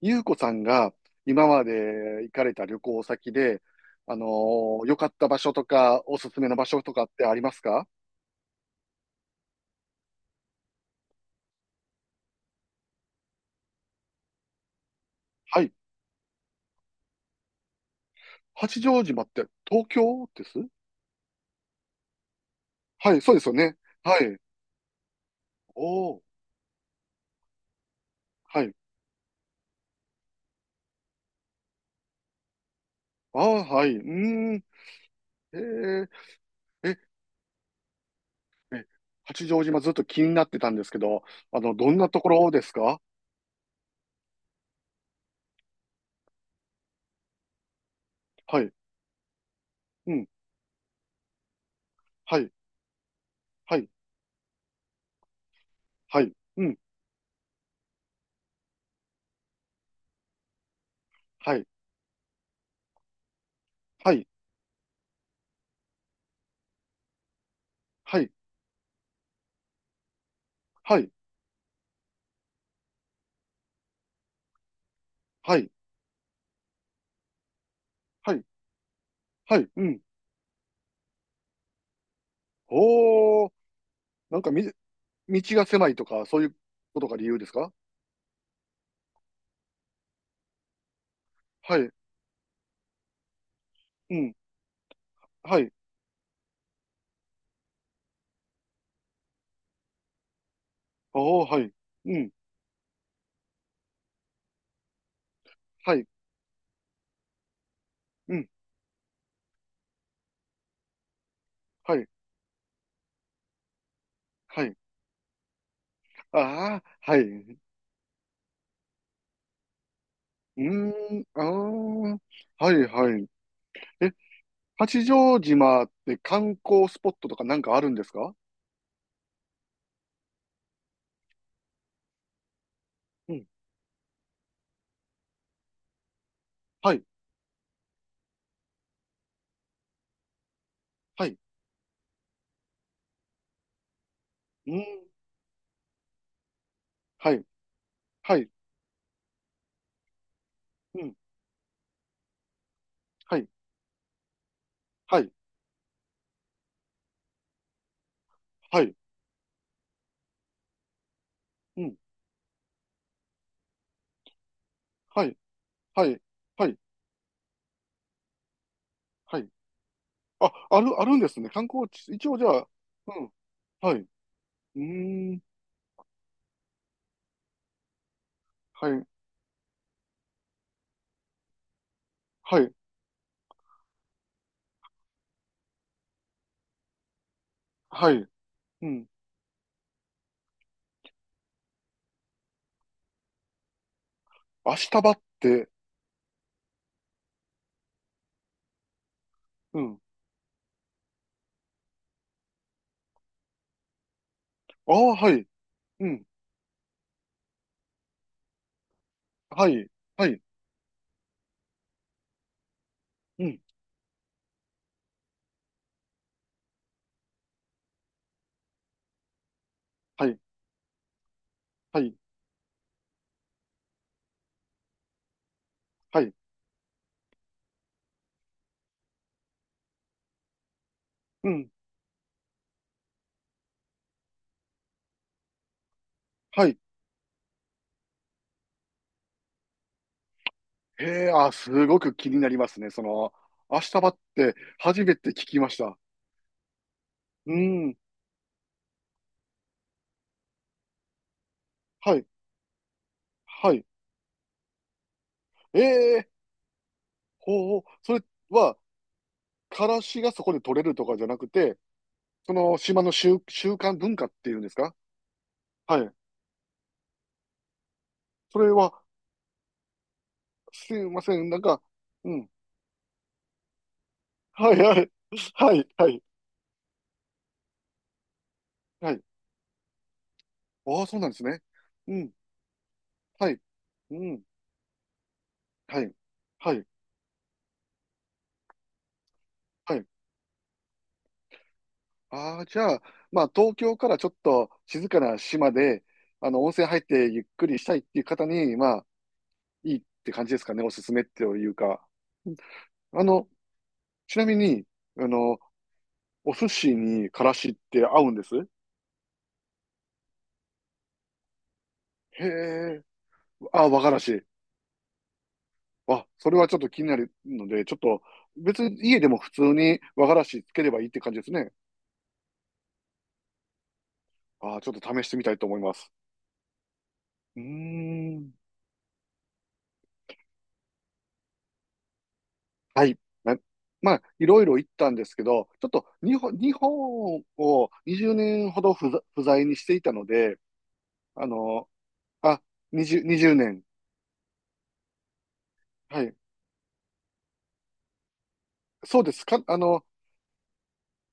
ゆうこさんが今まで行かれた旅行先で、良かった場所とか、おすすめの場所とかってありますか？はい。八丈島って東京です？はい、そうですよね。はい。おー、はい。ああ、はい。うーん。えー、え、え、八丈島ずっと気になってたんですけど、どんなところですか？はい。うん。はい。はい。はい。うん。はい。はい。はい。はい。はい。はい。はい。うん。おー。なんかみ、道が狭いとか、そういうことが理由ですか？はい。うん。はい。おお、はい。うん。はい。うん。はい。はい。ああ、はい。うーん。ああ、はい、はい。え、八丈島って観光スポットとかなんかあるんですか？うん。はい。はい。うん。はい。はい。うん。はい。はい。はい。うん。はい。はい。はい。はい。あ、ある、あるんですね。観光地、一応じゃあ。うん。はい。うーん。はい。はい。はい。うん。足日ばって？うん。ああ、はい。うん。はい。はい。うん。はい。はい。はい。うん。はい。へえ、あ、すごく気になりますね。足日ばって初めて聞きました。うん。はい。はい。ええ、ほうほう。それは、からしがそこで取れるとかじゃなくて、その島の習慣文化っていうんですか？はい。それは、すいません。なんか。うん。はいはい。はいはい。はい。ああ、そうなんですね。うん、はい、うん、はい、はい、はい。ああ、じゃあ、まあ、東京からちょっと静かな島で、温泉入ってゆっくりしたいっていう方に、まあ、いいって感じですかね、おすすめっていうか。うん。あの、ちなみに、あの、お寿司にからしって合うんです？へえ、あ、和がらし。あ、それはちょっと気になるので、ちょっと、別に家でも普通に和がらしつければいいって感じですね。ああ、ちょっと試してみたいと思います。うーん。はい。なまあ、いろいろ行ったんですけど、ちょっと日本を20年ほど不在にしていたので、あの、あ、20年。はい。そうですか。あの、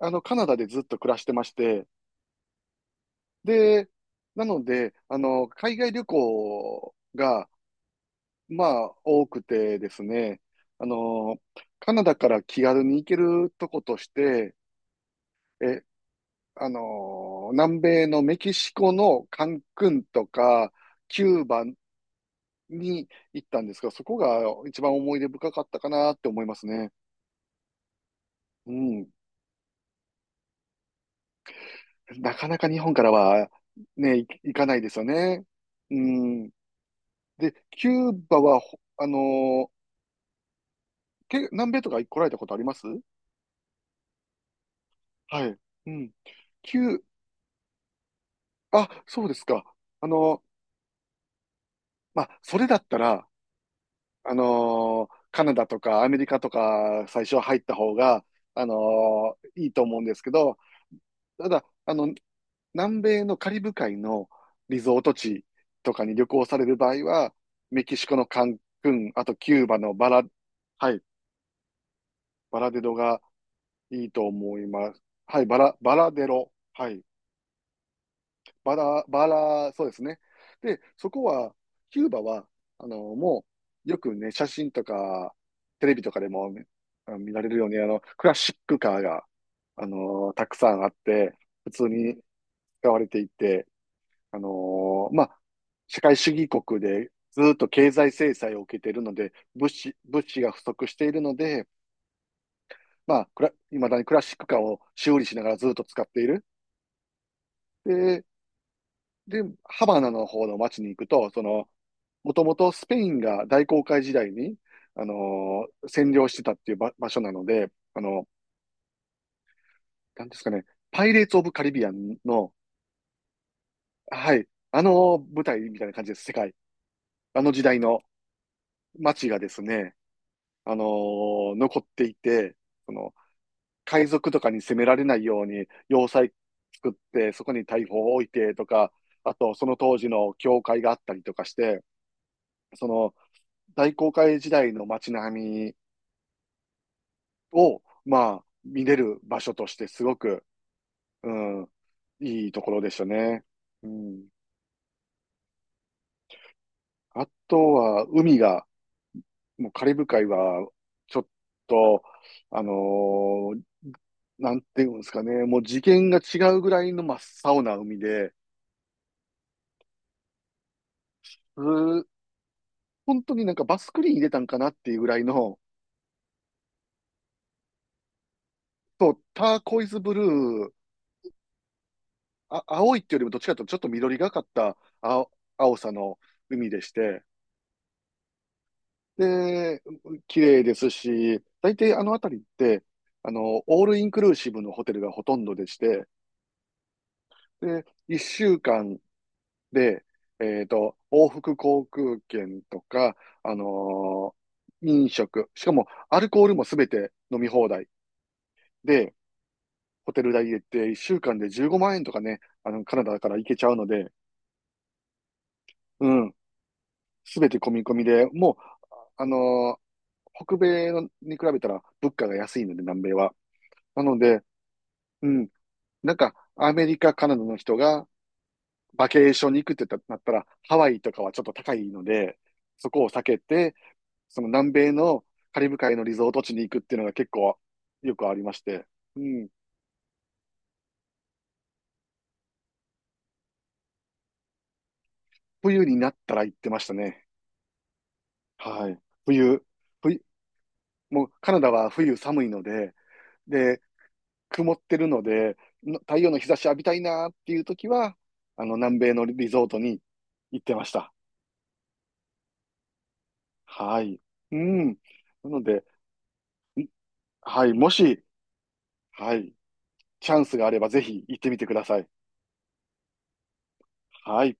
あの、カナダでずっと暮らしてまして、で、なので、海外旅行が、まあ、多くてですね、あの、カナダから気軽に行けるとことして、えあのー南米のメキシコのカンクンとか、キューバに行ったんですが、そこが一番思い出深かったかなって思いますね。うん。なかなか日本からはね、行かないですよね。うん。で、キューバは、ほあのーけ、南米とか来られたことあります？はい。うん。キュー、あ、そうですか。あのーまあ、それだったら、カナダとかアメリカとか最初は入った方が、いいと思うんですけど、ただ、南米のカリブ海のリゾート地とかに旅行される場合は、メキシコのカンクン、あとキューバのはい、バラデロがいいと思います。はい、バラデロ。はい。バラ、バラ、そうですね。で、そこは、キューバは、もう、よくね、写真とか、テレビとかでも、ね、見られるように、クラシックカーが、たくさんあって、普通に使われていて、まあ、社会主義国でずっと経済制裁を受けているので、物資が不足しているので、まあ、いまだにクラシックカーを修理しながらずっと使っている。で、で、ハバナの方の街に行くと、もともとスペインが大航海時代に、占領してたっていう場所なので、なんですかね、パイレーツ・オブ・カリビアンの、はい、あの舞台みたいな感じです、世界。あの時代の街がですね、残っていて、その、海賊とかに攻められないように要塞作って、そこに大砲を置いてとか、あと、その当時の教会があったりとかして、その、大航海時代の街並みを、まあ、見れる場所としてすごく、うん、いいところでしたね。うん。あとは、海が、もうカリブ海は、ちょっと、あのーなんていうんですかね、もう次元が違うぐらいの真っ青な海で、うー本当になんかバスクリーン入れたんかなっていうぐらいの、そう、ターコイズブルー、あ、青いっていうよりもどっちかというとちょっと緑がかった青さの海でして、で、綺麗ですし、大体あの辺りって、オールインクルーシブのホテルがほとんどでして、で、1週間で、往復航空券とか、あのー飲食、しかもアルコールもすべて飲み放題で、ホテル代入れて1週間で15万円とかね、カナダから行けちゃうので、うん、すべて込み込みで、もう、あのー北米のに比べたら物価が安いので、南米は。なので、うん、なんか、アメリカ、カナダの人がバケーションに行くってなったら、ハワイとかはちょっと高いので、そこを避けて、その南米のカリブ海のリゾート地に行くっていうのが結構よくありまして、うん、冬になったら行ってましたね。はい。冬、冬、もうカナダは冬寒いので、で、曇ってるので、太陽の日差し浴びたいなっていう時は、南米のリゾートに行ってました。はい。うん。なので、はい、もし、はい、チャンスがあればぜひ行ってみてください。はい。